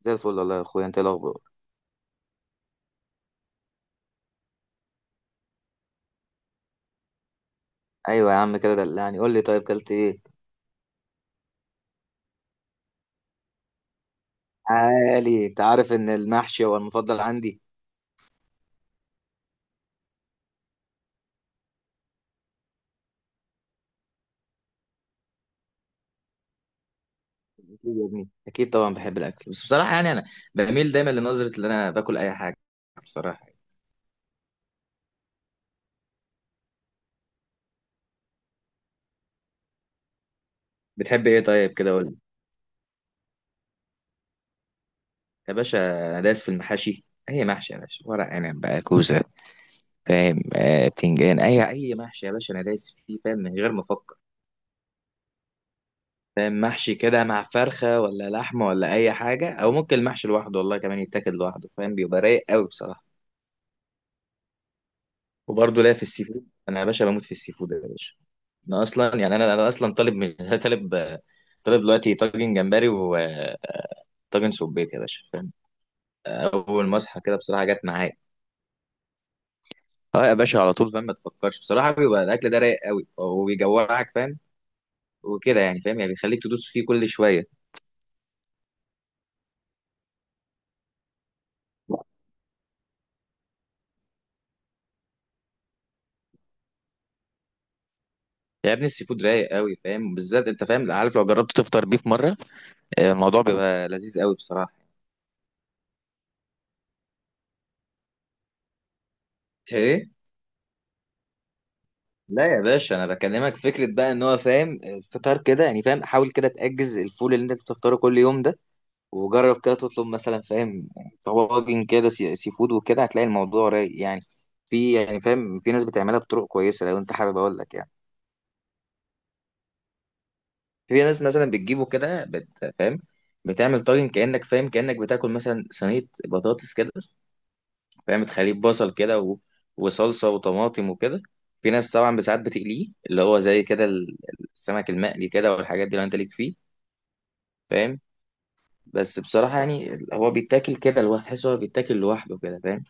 زي الفل والله يا اخويا، انت إيه الاخبار؟ ايوه يا عم، كده دلعني، قول لي طيب، كلت ايه؟ عالي، انت عارف ان المحشي هو المفضل عندي. اكيد يا ابني اكيد، طبعا بحب الاكل، بس بصراحه يعني انا بميل دايما لنظره ان انا باكل اي حاجه، بصراحه. بتحب ايه طيب؟ كده قول لي. يا باشا، انا دايس في المحاشي، اي محشي يا باشا، ورق عنب بقى، كوسه، فاهم، بتنجان، اي محشي يا باشا، انا دايس فيه فاهم من غير ما افكر. فاهم، محشي كده مع فرخه ولا لحمه ولا اي حاجه، او ممكن المحشي لوحده، والله كمان يتاكل لوحده، فاهم، بيبقى رايق قوي بصراحه. وبرضه ليا في السي فود، انا يا باشا بموت في السي فود يا باشا. انا اصلا يعني انا اصلا طالب من طالب طالب دلوقتي طاجن جمبري وطاجن سبيت يا باشا، فاهم، اول ما اصحى كده بصراحه جت معايا. اه يا باشا، على طول فاهم، ما تفكرش، بصراحه بيبقى الاكل ده رايق قوي، وبيجوعك فاهم، وكده يعني، فاهم يعني بيخليك تدوس فيه كل شويه. يا ابني السي فود رايق قوي فاهم، بالذات انت فاهم، عارف، لو جربت تفطر بيه في مره، الموضوع بيبقى لذيذ قوي بصراحه. ايه؟ لا يا باشا، انا بكلمك فكره بقى، ان هو فاهم الفطار كده، يعني فاهم حاول كده تاجز الفول اللي انت بتفطره كل يوم ده، وجرب كده تطلب مثلا فاهم طواجن كده سي فود، وكده هتلاقي الموضوع رايق يعني. في يعني فاهم في ناس بتعملها بطرق كويسه، لو انت حابب اقول لك يعني. في ناس مثلا بتجيبه كده، فاهم بتعمل طاجن، كانك بتاكل مثلا صينيه بطاطس كده، فاهم تخليه بصل كده و... وصلصة وطماطم وكده. في ناس طبعا بساعات بتقليه، اللي هو زي كده السمك المقلي كده والحاجات دي، لو انت ليك فيه فاهم. بس بصراحة يعني هو بيتاكل كده لوحده، تحس هو بيتاكل لوحده كده فاهم.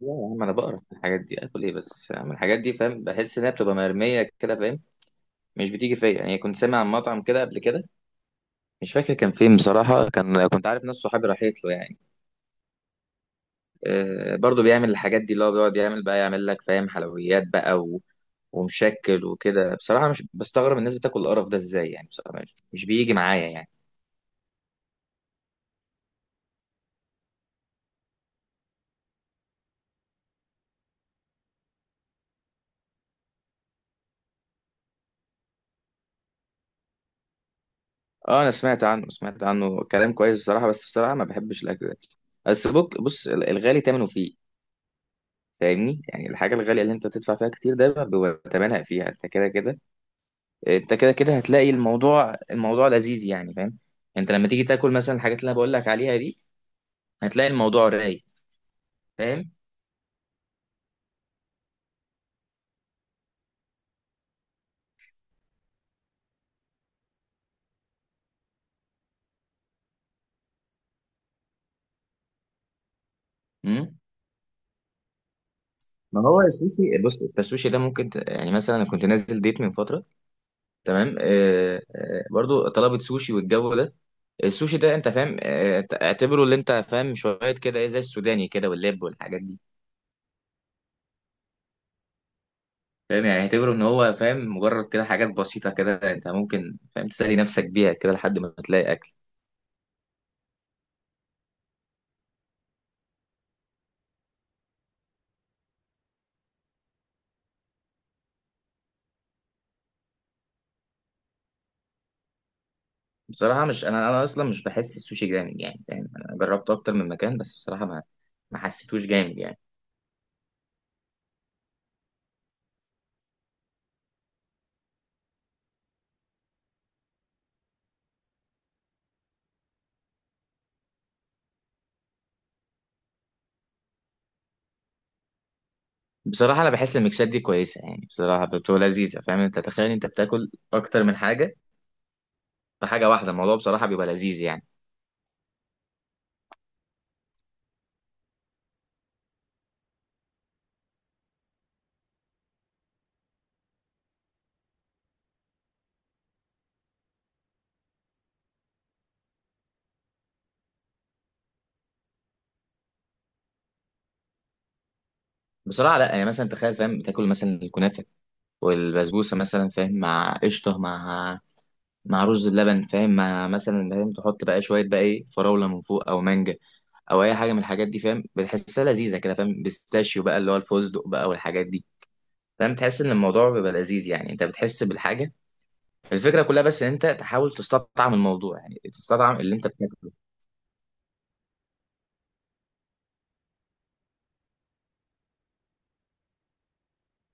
لا يا عم، انا بقرف من الحاجات دي، اكل ايه بس من الحاجات دي، فاهم، بحس انها بتبقى مرمية كده فاهم، مش بتيجي فيا يعني. كنت سامع عن مطعم كده قبل كده، مش فاكر كان فين بصراحة، كنت عارف ناس صحابي راحت له يعني، آه، برضو بيعمل الحاجات دي، اللي هو بيقعد يعمل بقى، يعمل لك فاهم حلويات بقى و... ومشكل وكده. بصراحة مش بستغرب الناس بتاكل القرف ده ازاي يعني، بصراحة مش بيجي معايا يعني. اه، انا سمعت عنه كلام كويس بصراحة، بس بصراحة ما بحبش الاكل ده. بس بص الغالي تمنه فيه، فاهمني؟ يعني الحاجة الغالية اللي انت تدفع فيها كتير ده بيبقى تمنها فيها، انت كده كده. انت كده كده هتلاقي الموضوع لذيذ يعني فاهم. انت لما تيجي تاكل مثلا الحاجات اللي انا بقول لك عليها دي هتلاقي الموضوع رايق فاهم. ما هو السوشي، بص، السوشي ده ممكن يعني، مثلا انا كنت نازل ديت من فتره، تمام، برضو طلبت سوشي، والجو ده السوشي ده انت فاهم، اعتبره، اللي انت فاهم شويه كده، ايه، زي السوداني كده واللب والحاجات دي. فاهم يعني اعتبره ان هو فاهم مجرد كده حاجات بسيطه كده، انت ممكن فاهم تسالي نفسك بيها كده لحد ما تلاقي اكل. بصراحه مش انا اصلا مش بحس السوشي جامد يعني، فاهم انا جربته اكتر من مكان بس بصراحه ما حسيتوش جامد يعني. بصراحة أنا بحس الميكسات دي كويسة يعني، بصراحة بتبقى لذيذة، فاهم، أنت تخيل أنت بتاكل أكتر من حاجة في حاجة واحدة، الموضوع بصراحة بيبقى لذيذ يعني. بصراحة لأ يعني، مثلا تخيل فاهم، بتاكل مثلا الكنافة والبسبوسة مثلا فاهم، مع قشطة، مع رز اللبن، فاهم، مع مثلا فاهم تحط بقى شوية بقى إيه فراولة من فوق أو مانجا أو أي حاجة من الحاجات دي، فاهم بتحسها لذيذة كده، فاهم، بيستاشيو بقى اللي هو الفستق بقى والحاجات دي، فاهم تحس إن الموضوع بيبقى لذيذ يعني، أنت بتحس بالحاجة. الفكرة كلها بس ان انت تحاول تستطعم الموضوع يعني، تستطعم اللي انت بتاكله.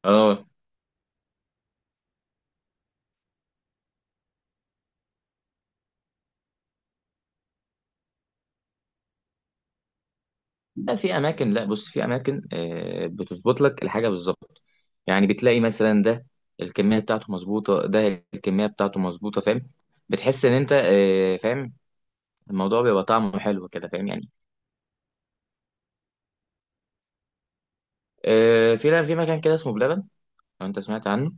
اه. لا، بص، في اماكن بتظبط لك الحاجة بالظبط، يعني بتلاقي مثلا ده الكمية بتاعته مظبوطة، ده الكمية بتاعته مظبوطة فاهم، بتحس ان انت فاهم الموضوع بيبقى طعمه حلو كده، فاهم يعني. آه، في لا في مكان كده اسمه بلبن لو انت سمعت عنه.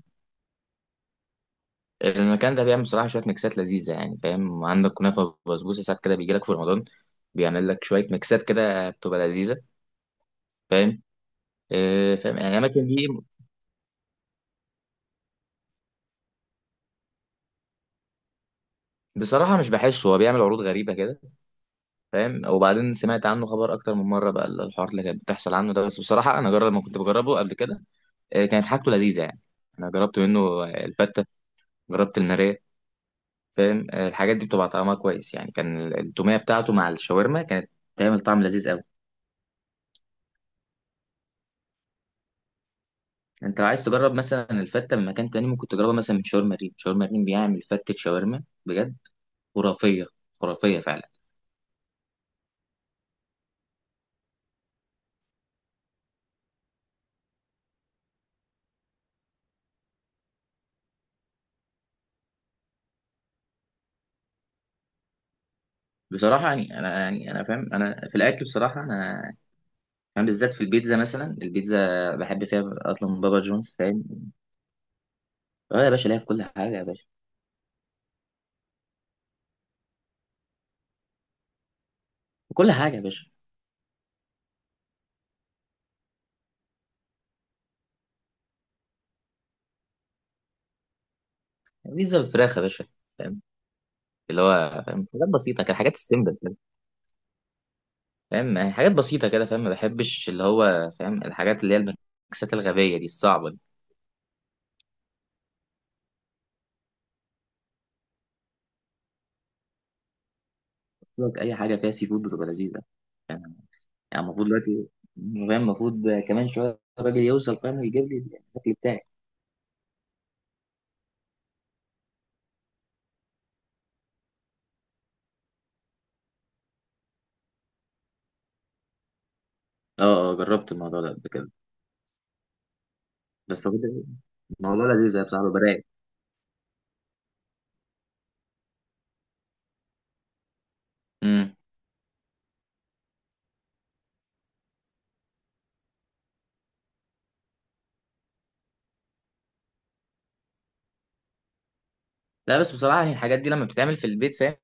المكان ده بيعمل بصراحة شوية ميكسات لذيذة يعني، فاهم، عندك كنافة وبسبوسة، ساعات كده بيجي لك في رمضان بيعمل لك شوية ميكسات كده بتبقى لذيذة، فاهم، فاهم يعني الاماكن دي. بصراحه مش بحسه، هو بيعمل عروض غريبه كده فاهم، وبعدين سمعت عنه خبر اكتر من مره بقى الحوارات اللي كانت بتحصل عنه ده، بس بصراحه انا جرب ما كنت بجربه قبل كده، كانت حاجته لذيذه يعني. انا جربت منه الفته، جربت الناريه، فاهم، الحاجات دي بتبقى طعمها كويس يعني، كان التوميه بتاعته مع الشاورما كانت تعمل طعم لذيذ قوي. انت لو عايز تجرب مثلا الفته من مكان تاني ممكن تجربها مثلا من شاورما ريم. شاورما ريم بيعمل فتة شاورما بجد خرافيه، خرافيه فعلا. بصراحة يعني أنا فاهم، أنا في الأكل بصراحة أنا بالذات في البيتزا، مثلا البيتزا بحب فيها أطلب من بابا جونز فاهم. أه يا باشا، ليها في كل حاجة يا باشا، في كل حاجة يا باشا. بيتزا بالفراخ يا باشا، فاهم، اللي هو فاهم حاجات بسيطة كده، حاجات السيمبل كده، فاهم يعني حاجات بسيطة كده، فاهم ما بحبش اللي هو فاهم الحاجات اللي هي الميكسات الغبية دي الصعبة دي. قلت لك أي حاجة فيها سي فود بتبقى لذيذة، فاهم؟ يعني المفروض دلوقتي فاهم المفروض كمان شوية الراجل يوصل فاهم، يجيب لي الأكل بتاعي. أه، أه، جربت الموضوع ده قبل كده، بس هو كده الموضوع لذيذ يا بصراحه، برايق. امم لا بس بصراحه يعني الحاجات دي لما بتتعمل في البيت فاهم،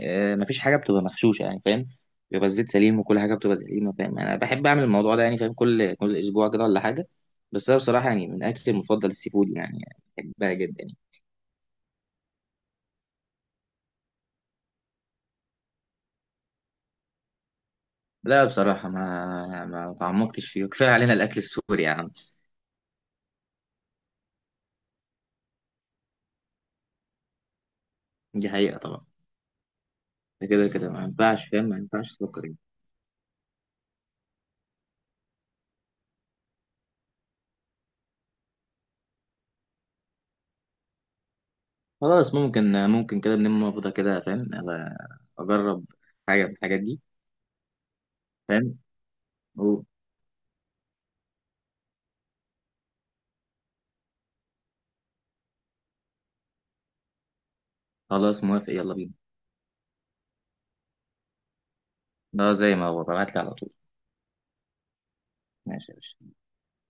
مفيش حاجه بتبقى مغشوشه يعني فاهم، بيبقى الزيت سليم وكل حاجه بتبقى سليمه فاهم، انا بحب اعمل الموضوع ده يعني، فاهم كل اسبوع كده ولا حاجه، بس انا بصراحه يعني من اكلي المفضل السي فود يعني، بحبها جدا يعني. لا بصراحه ما تعمقتش فيه، كفايه علينا الاكل السوري يا عم. دي حقيقه طبعا، ده كده كده ما ينفعش، فاهم، ما ينفعش تفكر يعني. خلاص ممكن كده بنلم فضة كده فاهم أبقى اجرب حاجه من الحاجات دي فاهم. خلاص موافق، يلا بينا. اه زي ما هو، ببعتلي على طول. ماشي يا باشا.